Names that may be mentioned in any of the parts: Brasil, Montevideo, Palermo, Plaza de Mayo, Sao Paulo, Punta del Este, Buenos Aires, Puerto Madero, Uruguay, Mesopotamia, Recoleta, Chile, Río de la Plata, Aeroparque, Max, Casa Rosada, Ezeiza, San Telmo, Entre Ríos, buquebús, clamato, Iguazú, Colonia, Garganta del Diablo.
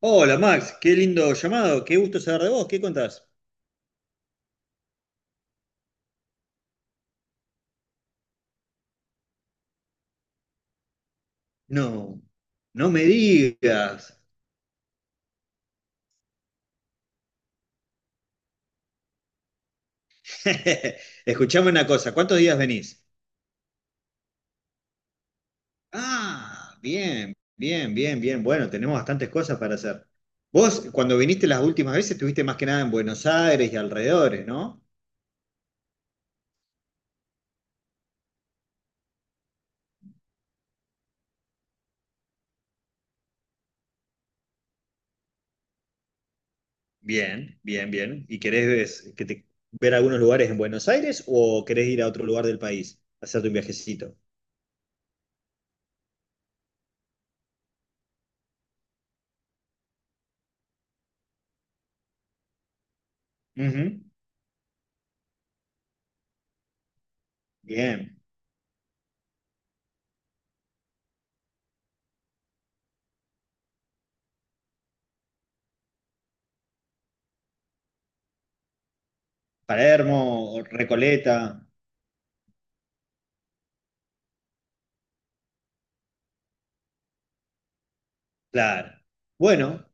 Hola Max, qué lindo llamado, qué gusto saber de vos, ¿qué contás? No, no me digas. Escuchame una cosa, ¿cuántos días venís? Ah, bien, bien, bien, bien. Bueno, tenemos bastantes cosas para hacer. Vos, cuando viniste las últimas veces, estuviste más que nada en Buenos Aires y alrededores, ¿no? Bien, bien, bien. ¿Y querés ver algunos lugares en Buenos Aires o querés ir a otro lugar del país, hacerte un viajecito? Ujú, bien. Palermo, Recoleta. Claro. Bueno,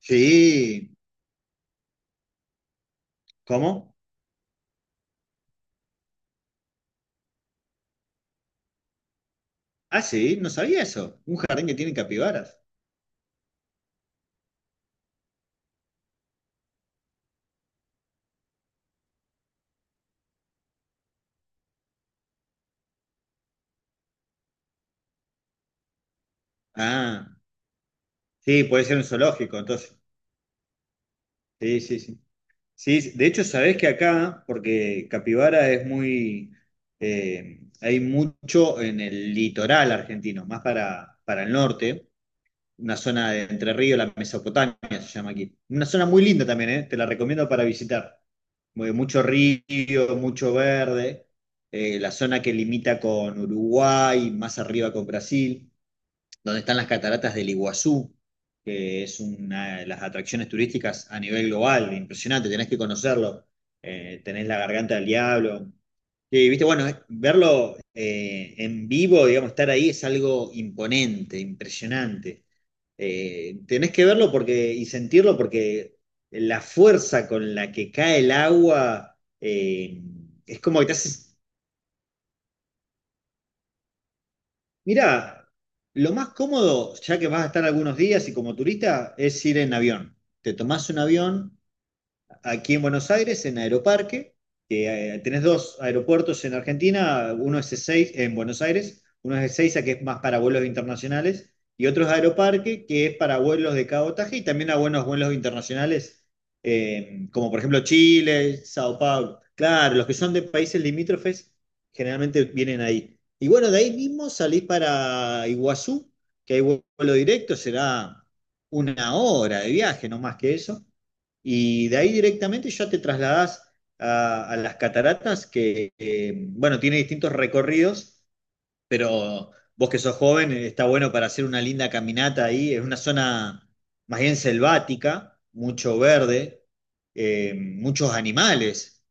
sí. ¿Cómo? Ah, sí, no sabía eso. Un jardín que tiene capibaras. Ah, sí, puede ser un zoológico, entonces. Sí, sí, sí. Sí, sí. De hecho, sabés que acá, porque capibara es muy. Hay mucho en el litoral argentino, más para el norte. Una zona de Entre Ríos, la Mesopotamia se llama aquí. Una zona muy linda también, ¿eh? Te la recomiendo para visitar. Mucho río, mucho verde, la zona que limita con Uruguay, más arriba con Brasil, donde están las cataratas del Iguazú, que es una de las atracciones turísticas a nivel global, impresionante, tenés que conocerlo. Tenés la Garganta del Diablo. Sí, viste, bueno, verlo en vivo, digamos, estar ahí es algo imponente, impresionante. Tenés que verlo porque, y sentirlo porque la fuerza con la que cae el agua, es como que te haces. Mira, lo más cómodo, ya que vas a estar algunos días y como turista, es ir en avión. Te tomás un avión aquí en Buenos Aires, en Aeroparque, que tenés dos aeropuertos en Argentina, uno es Ezeiza, en Buenos Aires, uno es Ezeiza, que es más para vuelos internacionales, y otro es Aeroparque, que es para vuelos de cabotaje y también a buenos vuelos internacionales, como por ejemplo Chile, Sao Paulo. Claro, los que son de países limítrofes generalmente vienen ahí. Y bueno, de ahí mismo salís para Iguazú, que hay vuelo directo, será una hora de viaje, no más que eso. Y de ahí directamente ya te trasladás a las cataratas, que, bueno, tiene distintos recorridos, pero vos que sos joven, está bueno para hacer una linda caminata ahí. Es una zona más bien selvática, mucho verde, eh, muchos animales,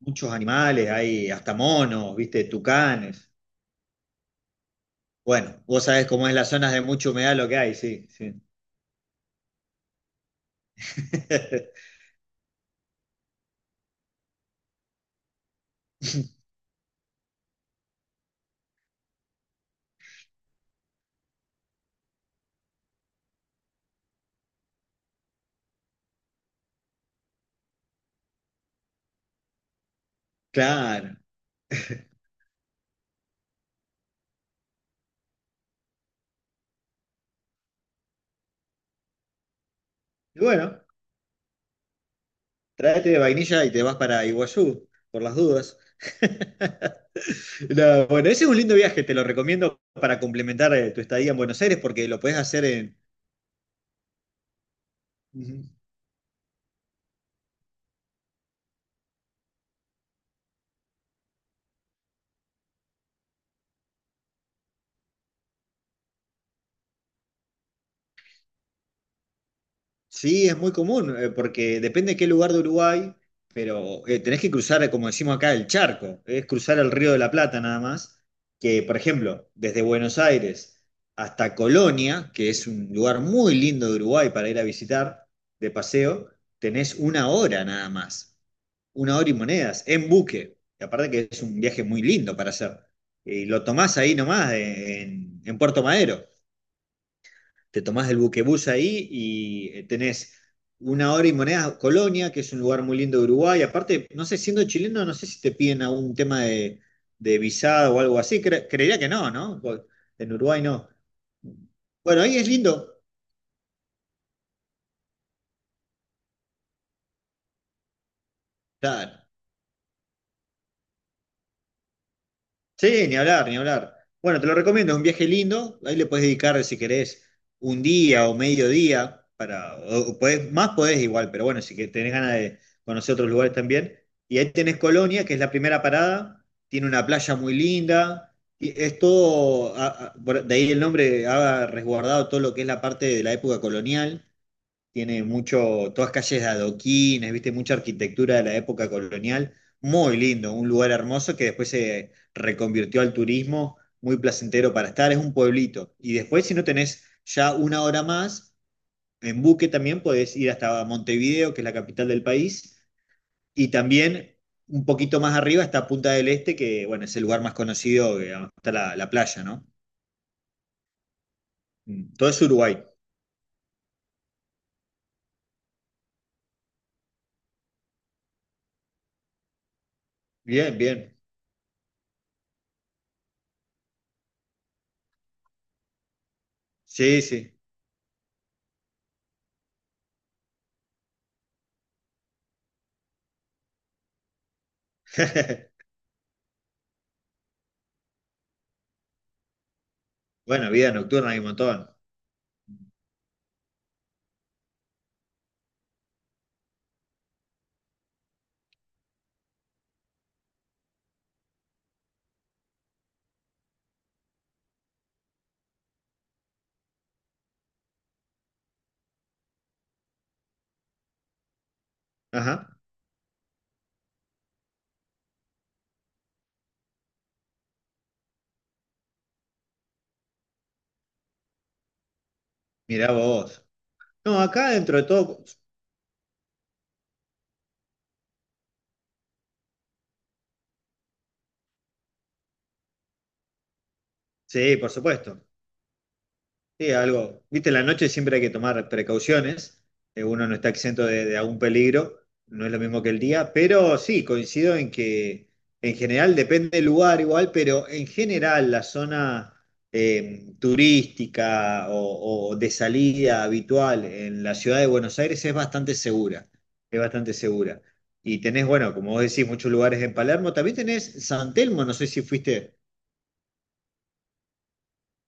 muchos animales, hay hasta monos, viste, tucanes. Bueno, vos sabés cómo es las zonas de mucha humedad lo que hay, sí, sí. Claro. Y bueno, tráete de vainilla y te vas para Iguazú, por las dudas. No, bueno, ese es un lindo viaje, te lo recomiendo para complementar tu estadía en Buenos Aires porque lo puedes hacer en. Sí, es muy común, porque depende de qué lugar de Uruguay, pero tenés que cruzar, como decimos acá, el charco, es cruzar el Río de la Plata nada más, que por ejemplo, desde Buenos Aires hasta Colonia, que es un lugar muy lindo de Uruguay para ir a visitar de paseo, tenés una hora nada más, una hora y monedas, en buque, y aparte que es un viaje muy lindo para hacer, y lo tomás ahí nomás, en Puerto Madero te tomás el buquebús ahí y tenés una hora y monedas a Colonia, que es un lugar muy lindo de Uruguay. Aparte, no sé, siendo chileno, no sé si te piden algún tema de visado o algo así. Creería que no, ¿no? Porque en Uruguay no. Bueno, ahí es lindo. Claro. Sí, ni hablar, ni hablar. Bueno, te lo recomiendo, es un viaje lindo. Ahí le puedes dedicar, si querés, un día o medio día. Para, o más podés igual, pero bueno, si que tenés ganas de conocer otros lugares también. Y ahí tenés Colonia, que es la primera parada. Tiene una playa muy linda. Y es todo, de ahí el nombre ha resguardado todo lo que es la parte de la época colonial. Tiene mucho, todas calles de adoquines, viste, mucha arquitectura de la época colonial, muy lindo, un lugar hermoso que después se reconvirtió al turismo, muy placentero para estar, es un pueblito. Y después, si no tenés ya una hora más, en buque también podés ir hasta Montevideo, que es la capital del país, y también un poquito más arriba está Punta del Este, que bueno, es el lugar más conocido, que digamos, está la playa, ¿no? Mm, todo es Uruguay. Bien, bien. Sí, sí. Bueno, vida nocturna hay un montón. Ajá, mirá vos. No, acá dentro de todo, sí, por supuesto. Sí, algo. Viste, en la noche siempre hay que tomar precauciones. Uno no está exento de algún peligro. No es lo mismo que el día. Pero sí, coincido en que en general depende del lugar igual, pero en general la zona turística o de salida habitual en la ciudad de Buenos Aires es bastante segura. Es bastante segura. Y tenés, bueno, como vos decís, muchos lugares en Palermo. También tenés San Telmo, no sé si fuiste.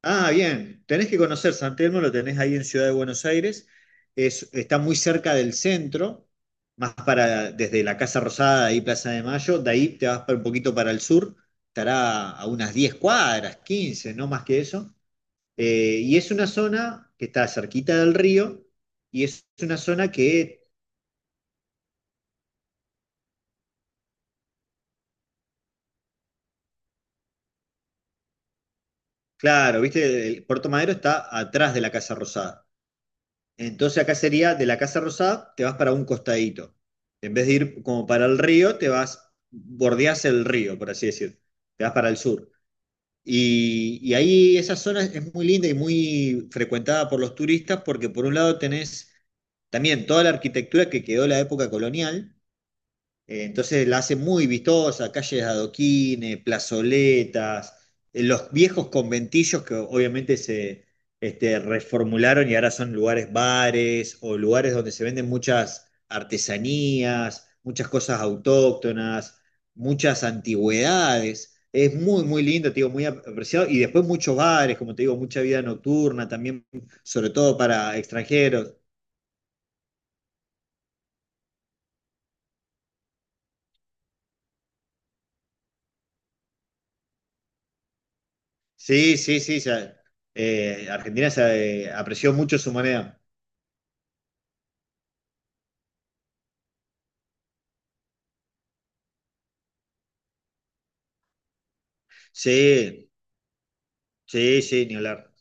Ah, bien. Tenés que conocer San Telmo, lo tenés ahí en Ciudad de Buenos Aires. Está muy cerca del centro, más para desde la Casa Rosada, ahí Plaza de Mayo. De ahí te vas para un poquito para el sur. Estará a unas 10 cuadras, 15, no más que eso. Y es una zona que está cerquita del río y es una zona que, claro, viste, el Puerto Madero está atrás de la Casa Rosada. Entonces acá sería de la Casa Rosada, te vas para un costadito. En vez de ir como para el río, te vas, bordeas el río, por así decir. Te vas para el sur. Y ahí esa zona es muy linda y muy frecuentada por los turistas porque por un lado tenés también toda la arquitectura que quedó de la época colonial, entonces la hace muy vistosa, calles de adoquines, plazoletas, los viejos conventillos que obviamente se reformularon y ahora son lugares bares o lugares donde se venden muchas artesanías, muchas cosas autóctonas, muchas antigüedades. Es muy, muy lindo, te digo, muy apreciado. Y después muchos bares, como te digo, mucha vida nocturna también, sobre todo para extranjeros. Sí, sí, sí. Argentina se apreció mucho su moneda. Sí, sí, sí, ni hablar.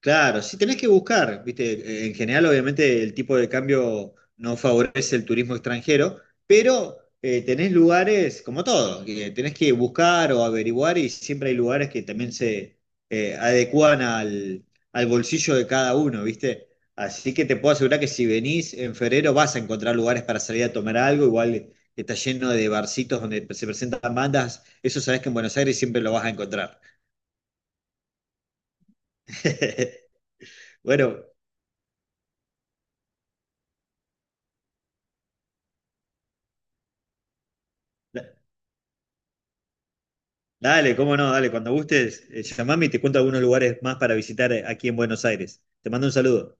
Claro, sí tenés que buscar, viste, en general obviamente el tipo de cambio no favorece el turismo extranjero, pero tenés lugares como todo, que tenés que buscar o averiguar y siempre hay lugares que también se adecúan al bolsillo de cada uno, viste. Así que te puedo asegurar que si venís en febrero vas a encontrar lugares para salir a tomar algo, igual está lleno de barcitos donde se presentan bandas, eso sabés que en Buenos Aires siempre lo vas a encontrar. Bueno. Dale, cómo no, dale, cuando gustes, llamame y te cuento algunos lugares más para visitar aquí en Buenos Aires. Te mando un saludo.